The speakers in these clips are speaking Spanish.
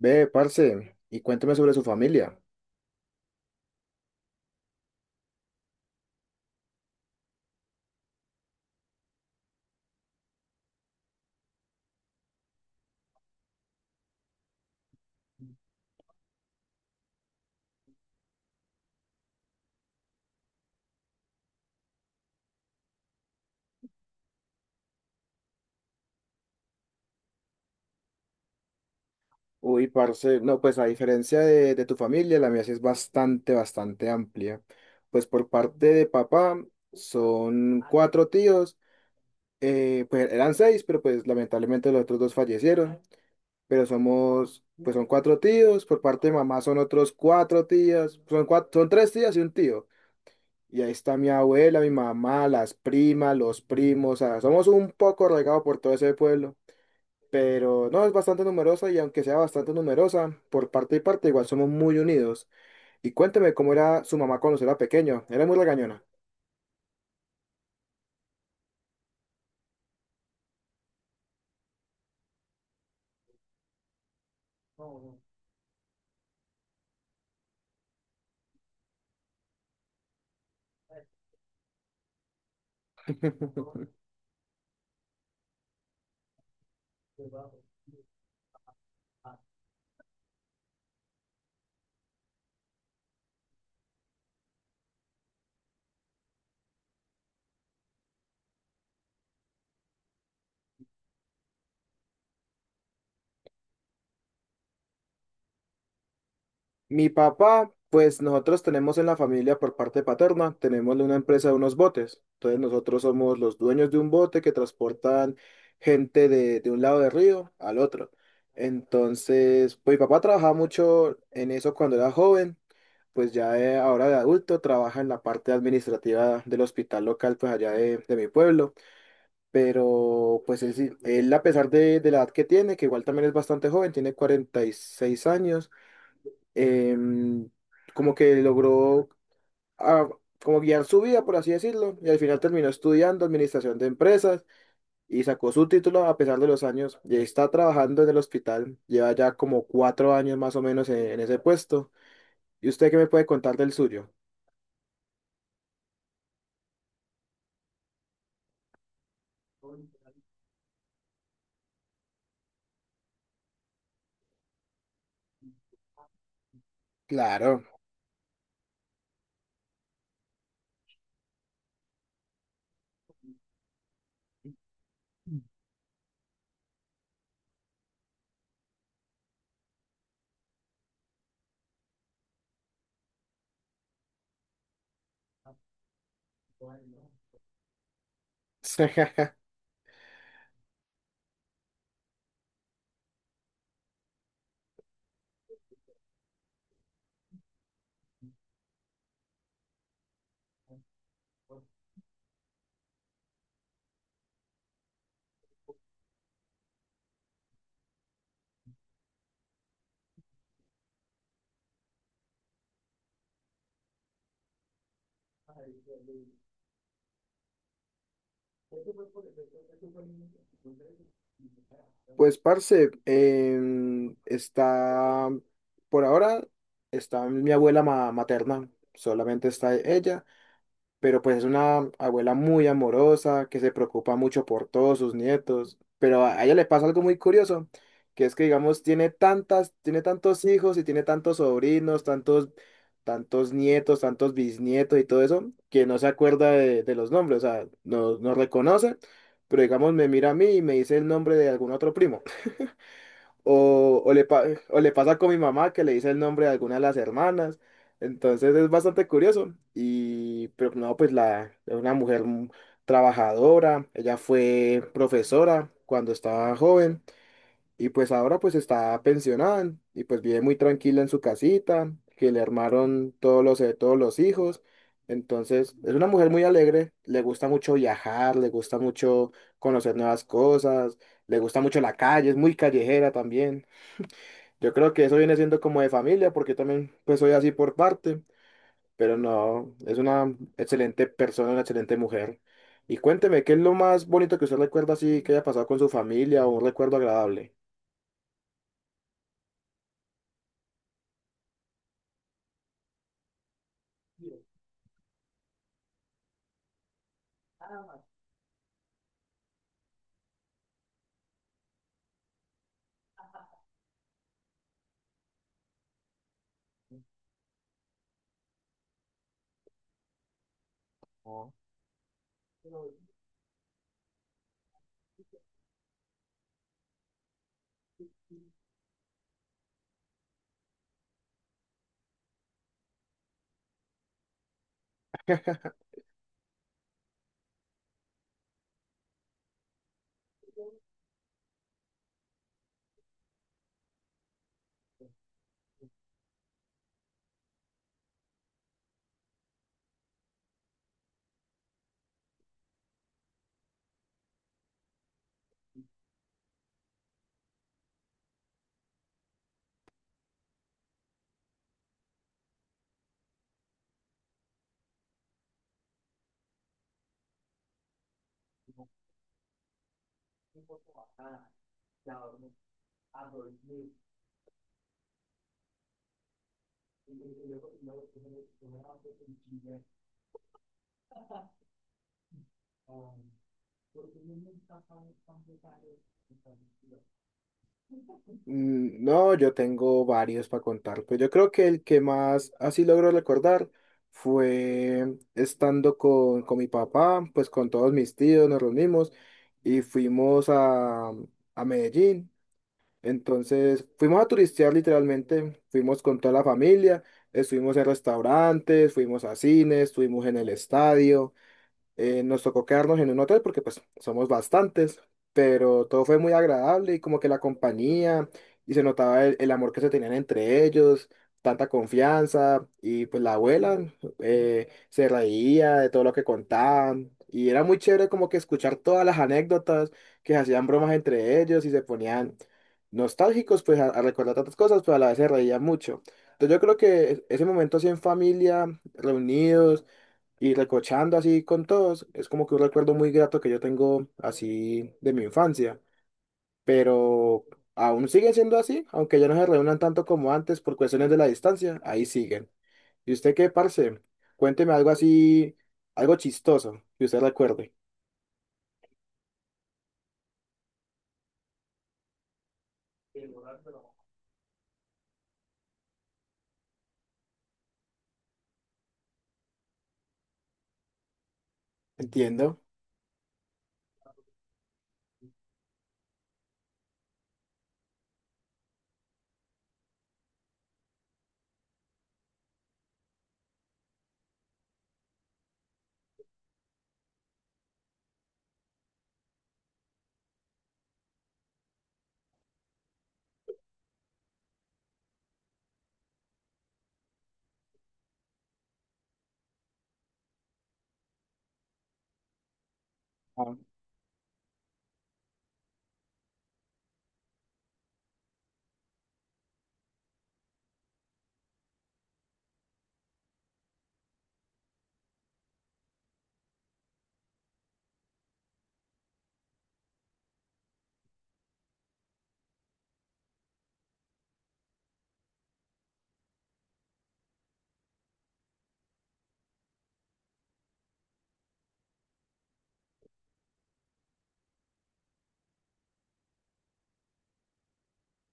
Ve, parce, y cuéntame sobre su familia. Uy, parce, no, pues a diferencia de tu familia, la mía sí es bastante, bastante amplia. Pues por parte de papá son cuatro tíos, pues eran seis, pero pues lamentablemente los otros dos fallecieron. Pero somos, pues son cuatro tíos, por parte de mamá son otros cuatro tías, son tres tías y un tío. Y ahí está mi abuela, mi mamá, las primas, los primos, o sea, somos un poco regados por todo ese pueblo. Pero no, es bastante numerosa y aunque sea bastante numerosa, por parte y parte igual somos muy unidos. Y cuénteme cómo era su mamá cuando usted era pequeño, era muy regañona. Mi papá, pues nosotros tenemos en la familia por parte paterna, tenemos una empresa de unos botes. Entonces nosotros somos los dueños de un bote que transportan gente de un lado del río al otro. Entonces, pues mi papá trabajaba mucho en eso cuando era joven, pues ahora de adulto trabaja en la parte administrativa del hospital local, pues allá de mi pueblo, pero pues él a pesar de la edad que tiene, que igual también es bastante joven, tiene 46 años, em, como que logró, ah, como guiar su vida, por así decirlo, y al final terminó estudiando administración de empresas y sacó su título a pesar de los años, y ahí está trabajando en el hospital, lleva ya como 4 años más o menos en ese puesto. ¿Y usted qué me puede contar del suyo? Claro. Pues, parce, está, por ahora, está mi abuela materna, solamente está ella. Pero pues es una abuela muy amorosa, que se preocupa mucho por todos sus nietos, pero a ella le pasa algo muy curioso, que es que digamos tiene tantas, tiene tantos hijos y tiene tantos sobrinos, tantos, tantos nietos, tantos bisnietos y todo eso, que no se acuerda de los nombres, o sea, no, no reconoce, pero digamos me mira a mí y me dice el nombre de algún otro primo. O le o le pasa con mi mamá que le dice el nombre de alguna de las hermanas. Entonces es bastante curioso. Y, pero no, pues la, es una mujer trabajadora. Ella fue profesora cuando estaba joven. Y pues ahora pues está pensionada. Y pues vive muy tranquila en su casita, que le armaron todos los hijos. Entonces es una mujer muy alegre. Le gusta mucho viajar, le gusta mucho conocer nuevas cosas. Le gusta mucho la calle, es muy callejera también. Yo creo que eso viene siendo como de familia, porque yo también pues soy así por parte, pero no, es una excelente persona, una excelente mujer. Y cuénteme, ¿qué es lo más bonito que usted recuerda así que haya pasado con su familia o un recuerdo agradable? Mm, no, yo tengo varios para contar, pues yo creo que el que más así logro recordar fue estando con mi papá, pues con todos mis tíos nos reunimos y fuimos a Medellín. Entonces fuimos a turistear literalmente, fuimos con toda la familia, estuvimos en restaurantes, fuimos a cines, estuvimos en el estadio, nos tocó quedarnos en un hotel porque pues somos bastantes, pero todo fue muy agradable y como que la compañía y se notaba el amor que se tenían entre ellos, tanta confianza y pues la abuela, se reía de todo lo que contaban y era muy chévere como que escuchar todas las anécdotas, que se hacían bromas entre ellos y se ponían nostálgicos pues a recordar tantas cosas, pero a la vez se reían mucho. Entonces yo creo que ese momento así en familia, reunidos, y recochando así con todos, es como que un recuerdo muy grato que yo tengo así de mi infancia, pero aún sigue siendo así, aunque ya no se reúnan tanto como antes por cuestiones de la distancia, ahí siguen. ¿Y usted qué, parce? Cuénteme algo así, algo chistoso que usted recuerde. Entiendo. Ah.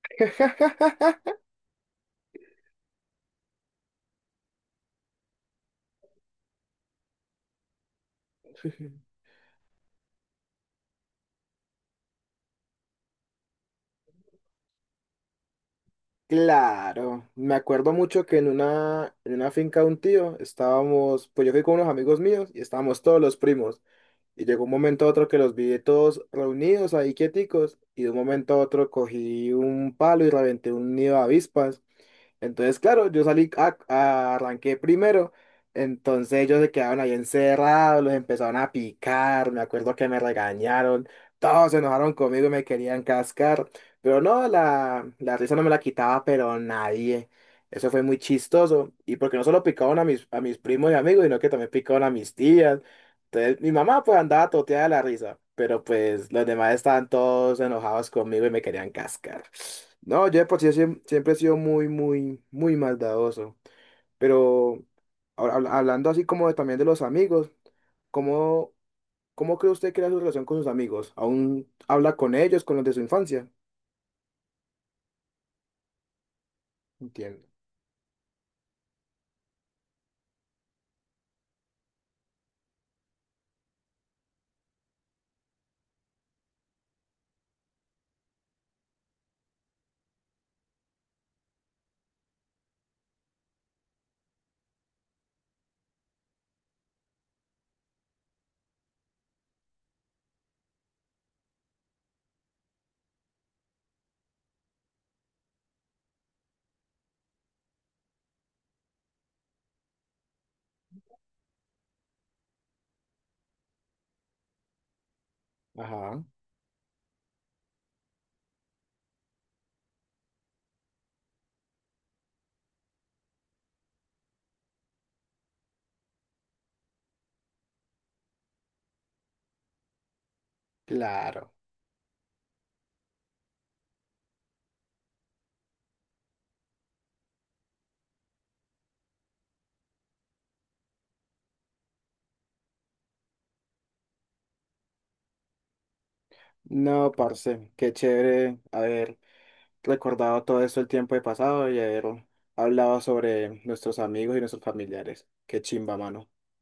Claro, me acuerdo mucho que en una finca de un tío estábamos, pues yo fui con unos amigos míos y estábamos todos los primos. Y llegó un momento a otro que los vi todos reunidos ahí quieticos y de un momento a otro cogí un palo y reventé un nido de avispas. Entonces, claro, yo salí, arranqué primero. Entonces ellos se quedaron ahí encerrados, los empezaron a picar, me acuerdo que me regañaron, todos se enojaron conmigo y me querían cascar, pero no, la risa no me la quitaba, pero nadie. Eso fue muy chistoso, y porque no solo picaban a mis primos y amigos, sino que también picaban a mis tías. Entonces, mi mamá pues andaba toteada de la risa, pero pues los demás estaban todos enojados conmigo y me querían cascar. No, yo de por sí siempre he sido muy, muy, muy maldadoso. Pero ahora hablando así como también de los amigos, ¿cómo, cómo cree usted que era su relación con sus amigos? ¿Aún habla con ellos, con los de su infancia? Entiendo. Ajá, claro. No, parce, qué chévere haber recordado todo esto el tiempo de pasado y haber hablado sobre nuestros amigos y nuestros familiares. Qué chimba, mano.